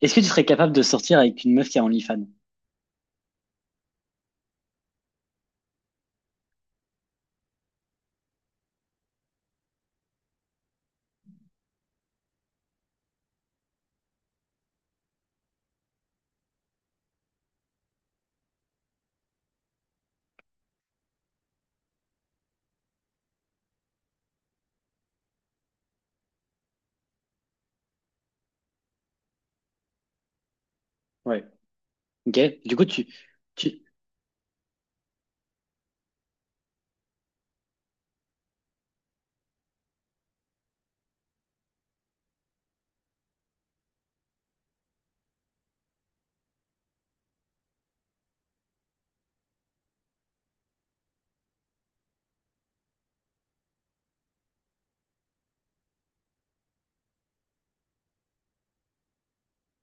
Est-ce que tu serais capable de sortir avec une meuf qui a OnlyFans? Ouais. Ok? Du coup, tu,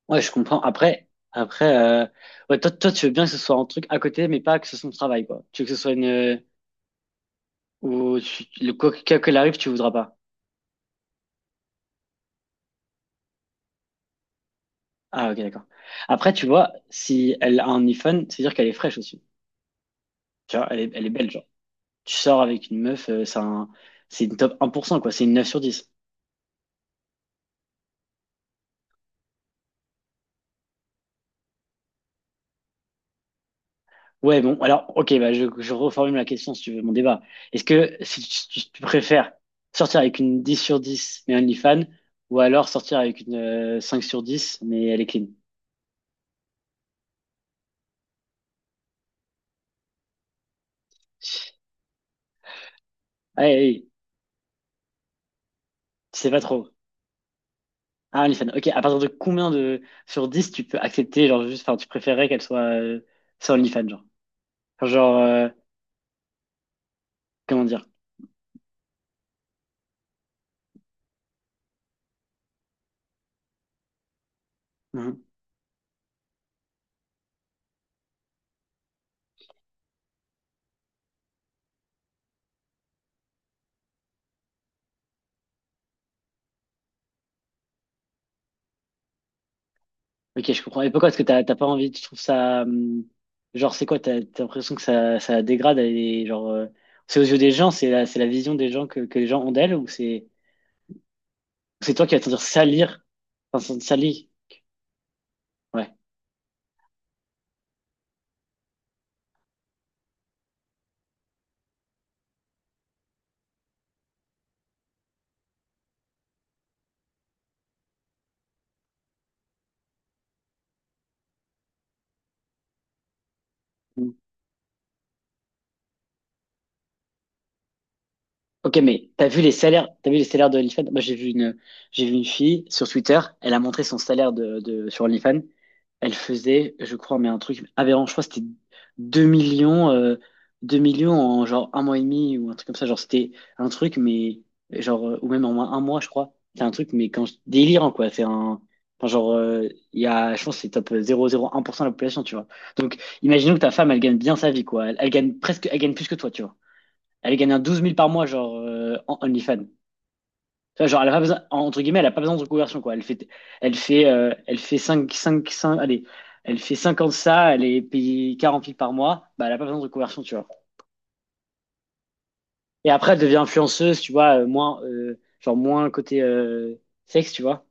ouais, je comprends. Après, ouais, toi, tu veux bien que ce soit un truc à côté, mais pas que ce soit ton travail, quoi. Tu veux que ce soit une, ou tu- le quoi qu'elle arrive, tu voudras pas. Ah, ok, d'accord. Après, tu vois, si elle a un iPhone, c'est-à-dire qu'elle est fraîche aussi. Tu vois, elle est belle, genre. Tu sors avec une meuf, c'est une top 1%, quoi. C'est une 9 sur 10. Ouais, bon, alors, ok, bah, je reformule la question si tu veux, mon débat. Est-ce que si tu préfères sortir avec une 10 sur 10 mais OnlyFans, ou alors sortir avec une 5 sur 10 mais elle est clean? Allez, allez, tu sais pas trop. Ah, OnlyFans, ok, à partir de combien de sur 10 tu peux accepter, genre, juste, enfin, tu préférerais qu'elle soit sans OnlyFans, genre? Enfin, genre, comment dire? Ok, je comprends. Et pourquoi est-ce que t'as pas envie? Tu trouves ça genre c'est quoi? T'as l'impression que ça dégrade et genre c'est aux yeux des gens, c'est la vision des gens que les gens ont d'elle ou c'est toi qui vas te sentir salir, enfin salir. Ouais. Ok, mais t'as vu les salaires, t'as vu les salaires de OnlyFans? Moi, j'ai vu une fille sur Twitter. Elle a montré son salaire de sur OnlyFans. Elle faisait, je crois, mais un truc aberrant. Je crois que c'était 2 millions, 2 millions en genre un mois et demi ou un truc comme ça. Genre, c'était un truc, mais genre, ou même en moins un mois, je crois. C'est un truc, mais quand je- délirant, quoi. C'est un, enfin, genre, il y a, je pense, que c'est top 0,01% de la population, tu vois. Donc, imaginons que ta femme, elle gagne bien sa vie, quoi. Elle gagne presque, elle gagne plus que toi, tu vois, elle gagne un 12 000 par mois, genre, en OnlyFans. Tu vois, genre, elle a pas besoin, entre guillemets, elle a pas besoin de reconversion, quoi. Elle fait 5, 5, 5, allez, elle fait 50 ça, elle est payée 40 000 par mois, bah, elle a pas besoin de reconversion, tu vois. Et après, elle devient influenceuse, tu vois, moins, genre, moins côté, sexe, tu vois.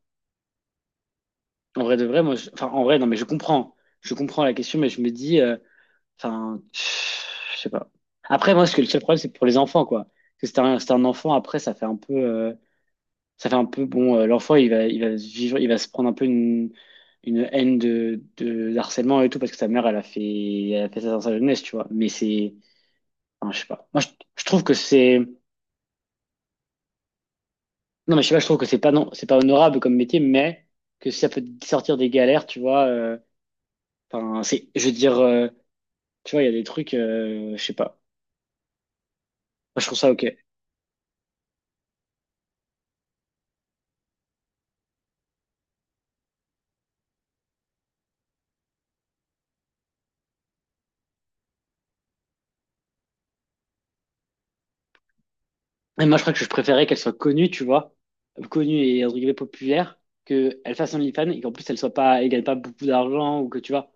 En vrai de vrai, moi, je- enfin, en vrai, non, mais je comprends. Je comprends la question, mais je me dis, enfin, je sais pas. Après, moi, ce que le seul problème, c'est pour les enfants, quoi. Parce que c'est un enfant, après, ça fait un peu, ça fait un peu bon l'enfant il va se vivre il va se prendre un peu une haine de harcèlement et tout parce que sa mère elle a fait ça dans sa jeunesse, tu vois, mais c'est enfin, je sais pas, moi, je trouve que c'est non. Mais je sais pas, je trouve que c'est pas honorable comme métier, mais que si ça peut te sortir des galères, tu vois, enfin c'est, je veux dire, tu vois, il y a des trucs, je sais pas, moi, je trouve ça ok. Et moi, je crois que je préférais qu'elle soit connue, tu vois, connue et entre guillemets populaire, qu'elle fasse OnlyFans et qu'en plus elle gagne pas beaucoup d'argent ou que tu vois.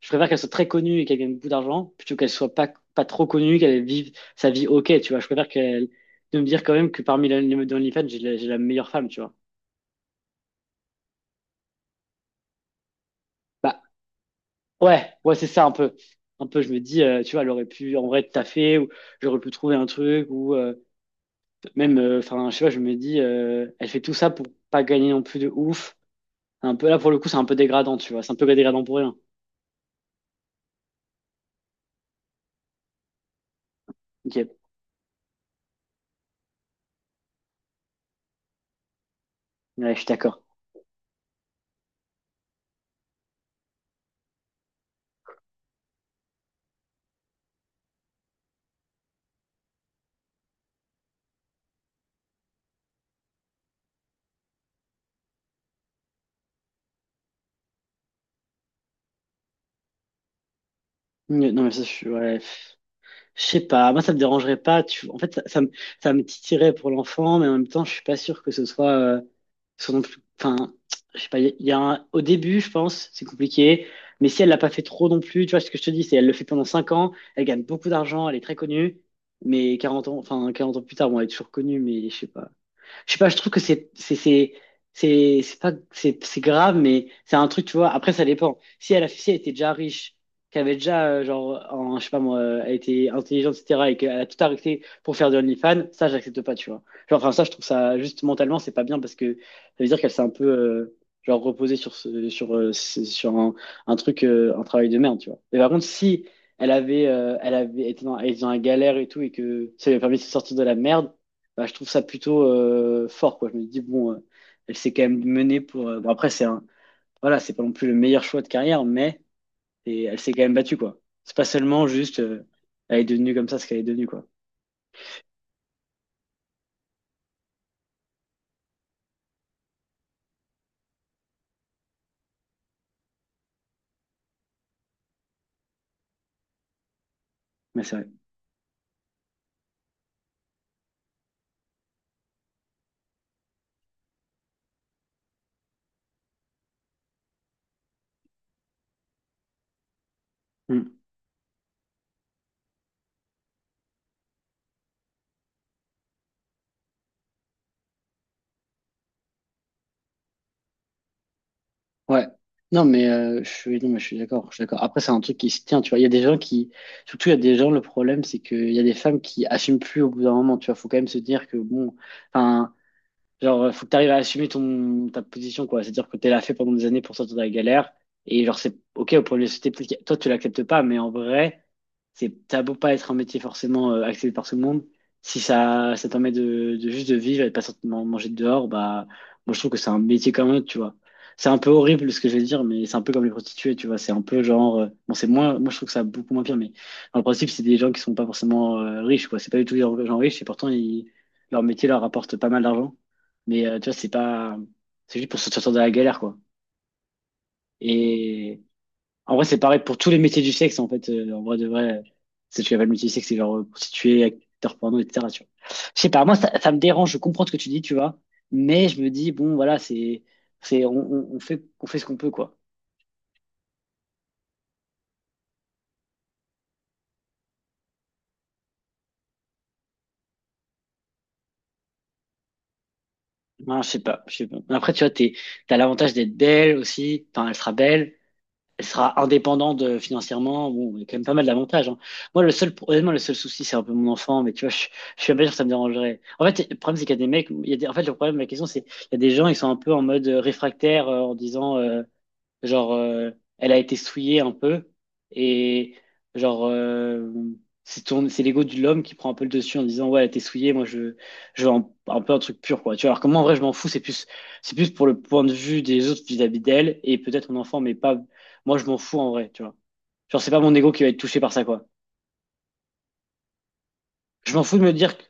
Je préfère qu'elle soit très connue et qu'elle gagne beaucoup d'argent plutôt qu'elle soit pas trop connue, qu'elle vive sa vie ok, tu vois. Je préfère qu'elle, de me dire quand même que parmi les meufs d'OnlyFans, j'ai la meilleure femme, tu vois. Bah, ouais, ouais, c'est ça un peu. Un peu, je me dis, tu vois, elle aurait pu en vrai taffer ou j'aurais pu trouver un truc ou même, enfin, je sais pas, je me dis, elle fait tout ça pour pas gagner non plus de ouf. Un peu, là, pour le coup, c'est un peu dégradant, tu vois. C'est un peu dégradant pour rien. Ok. Ouais, je suis d'accord. Non, mais ça, je suis. Ouais. Je sais pas, moi, ça me dérangerait pas. Tu... En fait, ça me titillerait pour l'enfant, mais en même temps, je suis pas sûr que ce soit, ce non plus. Enfin, je sais pas. Il y a un... Au début, je pense, c'est compliqué. Mais si elle l'a pas fait trop non plus, tu vois ce que je te dis, c'est elle le fait pendant 5 ans, elle gagne beaucoup d'argent, elle est très connue, mais 40 ans, enfin 40 ans plus tard, bon, elle est toujours connue, mais je sais pas, je trouve que c'est c'est pas c'est grave, mais c'est un truc, tu vois. Après, ça dépend. Si elle a si elle était déjà riche, qu'elle avait déjà genre en, je sais pas moi, elle était intelligente, etc. et qu'elle a tout arrêté pour faire de OnlyFans, ça j'accepte pas, tu vois. Genre, enfin ça, je trouve ça juste mentalement, c'est pas bien parce que ça veut dire qu'elle s'est un peu genre reposée sur ce- sur un truc un travail de merde, tu vois. Mais par contre, si elle avait été dans, elle était dans la galère et tout, et que ça lui a permis de se sortir de la merde, bah, je trouve ça plutôt fort, quoi. Je me dis, bon, elle s'est quand même menée pour. Bon, après, voilà, c'est pas non plus le meilleur choix de carrière, mais et elle s'est quand même battue, quoi. C'est pas seulement juste, elle est devenue comme ça ce qu'elle est devenue, quoi. Mais c'est vrai. Mm. Ouais. Non, mais je suis, non, mais je suis d'accord, je suis d'accord. Après, c'est un truc qui se tient, tu vois. Il y a des gens qui, surtout, il y a des gens, le problème, c'est qu'il y a des femmes qui assument plus au bout d'un moment, tu vois. Faut quand même se dire que, bon, enfin, genre, faut que tu arrives à assumer ta position, quoi. C'est-à-dire que tu l'as fait pendant des années pour sortir de la galère. Et genre, c'est OK, au point de société, peut-être que toi, tu l'acceptes pas, mais en vrai, c'est, t'as beau pas être un métier forcément accepté par tout le monde. Si ça te permet de juste de vivre et de pas sortir man- manger dehors, bah, moi, je trouve que c'est un métier comme un autre, tu vois. C'est un peu horrible ce que je vais dire, mais c'est un peu comme les prostituées, tu vois. C'est un peu genre, bon, c'est moins, moi, je trouve que ça a beaucoup moins pire, mais dans le principe, c'est des gens qui sont pas forcément riches, quoi. C'est pas du tout des gens riches et pourtant, ils, leur métier leur rapporte pas mal d'argent. Mais tu vois, c'est pas. C'est juste pour se sortir de la galère, quoi. Et en vrai, c'est pareil pour tous les métiers du sexe, en fait. En vrai, de vrai, c'est tu appelles le métier du sexe, c'est genre prostituée, acteur porno, etc. Tu vois. Je sais pas, moi, ça me dérange, je comprends ce que tu dis, tu vois. Mais je me dis, bon, voilà, c'est. C'est on fait, on fait ce qu'on peut, quoi. Voilà, je sais pas. Mais après, tu vois, t'as l'avantage d'être belle aussi. Enfin, elle sera belle. Elle sera indépendante financièrement. Bon, il y a quand même pas mal d'avantages, hein. Moi, le seul, honnêtement, le seul souci, c'est un peu mon enfant, mais tu vois, je suis même pas sûr que ça me dérangerait. En fait, le problème, c'est qu'il y a des mecs, il y a des- en fait, le problème, la question, c'est, il y a des gens, ils sont un peu en mode réfractaire, en disant, genre, elle a été souillée un peu. Et genre, c'est l'ego de l'homme qui prend un peu le dessus en disant, ouais, elle a été souillée, moi, je veux un peu un truc pur, quoi. Tu vois, alors que moi, en vrai, je m'en fous. C'est plus pour le point de vue des autres vis-à-vis d'elle et peut-être mon enfant, mais pas, moi, je m'en fous en vrai, tu vois. Genre, c'est pas mon ego qui va être touché par ça, quoi. Je m'en fous de me dire que...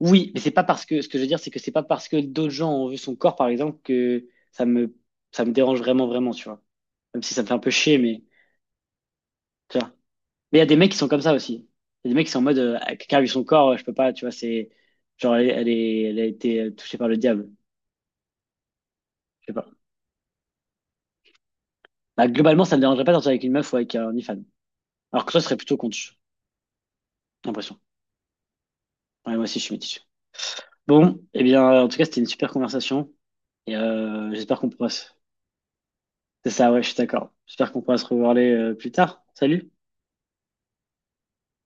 Oui, mais c'est pas parce que... Ce que je veux dire, c'est que c'est pas parce que d'autres gens ont vu son corps, par exemple, ça me dérange vraiment, vraiment, tu vois. Même si ça me fait un peu chier, mais... tu vois. Mais il y a des mecs qui sont comme ça aussi. Il y a des mecs qui sont en mode, quelqu'un a vu son corps, je peux pas, tu vois, c'est genre, elle a été touchée par le diable. Je sais pas. Bah, globalement, ça me dérangerait pas de sortir avec une meuf ou avec un ifan. Alors que toi, ce serait plutôt contre, j'ai l'impression. Ouais, moi aussi, je suis métis. Bon, eh bien, en tout cas, c'était une super conversation. Et j'espère qu'on pourra se... C'est ça, ouais, je suis d'accord. J'espère qu'on pourra se revoir les, plus tard. Salut!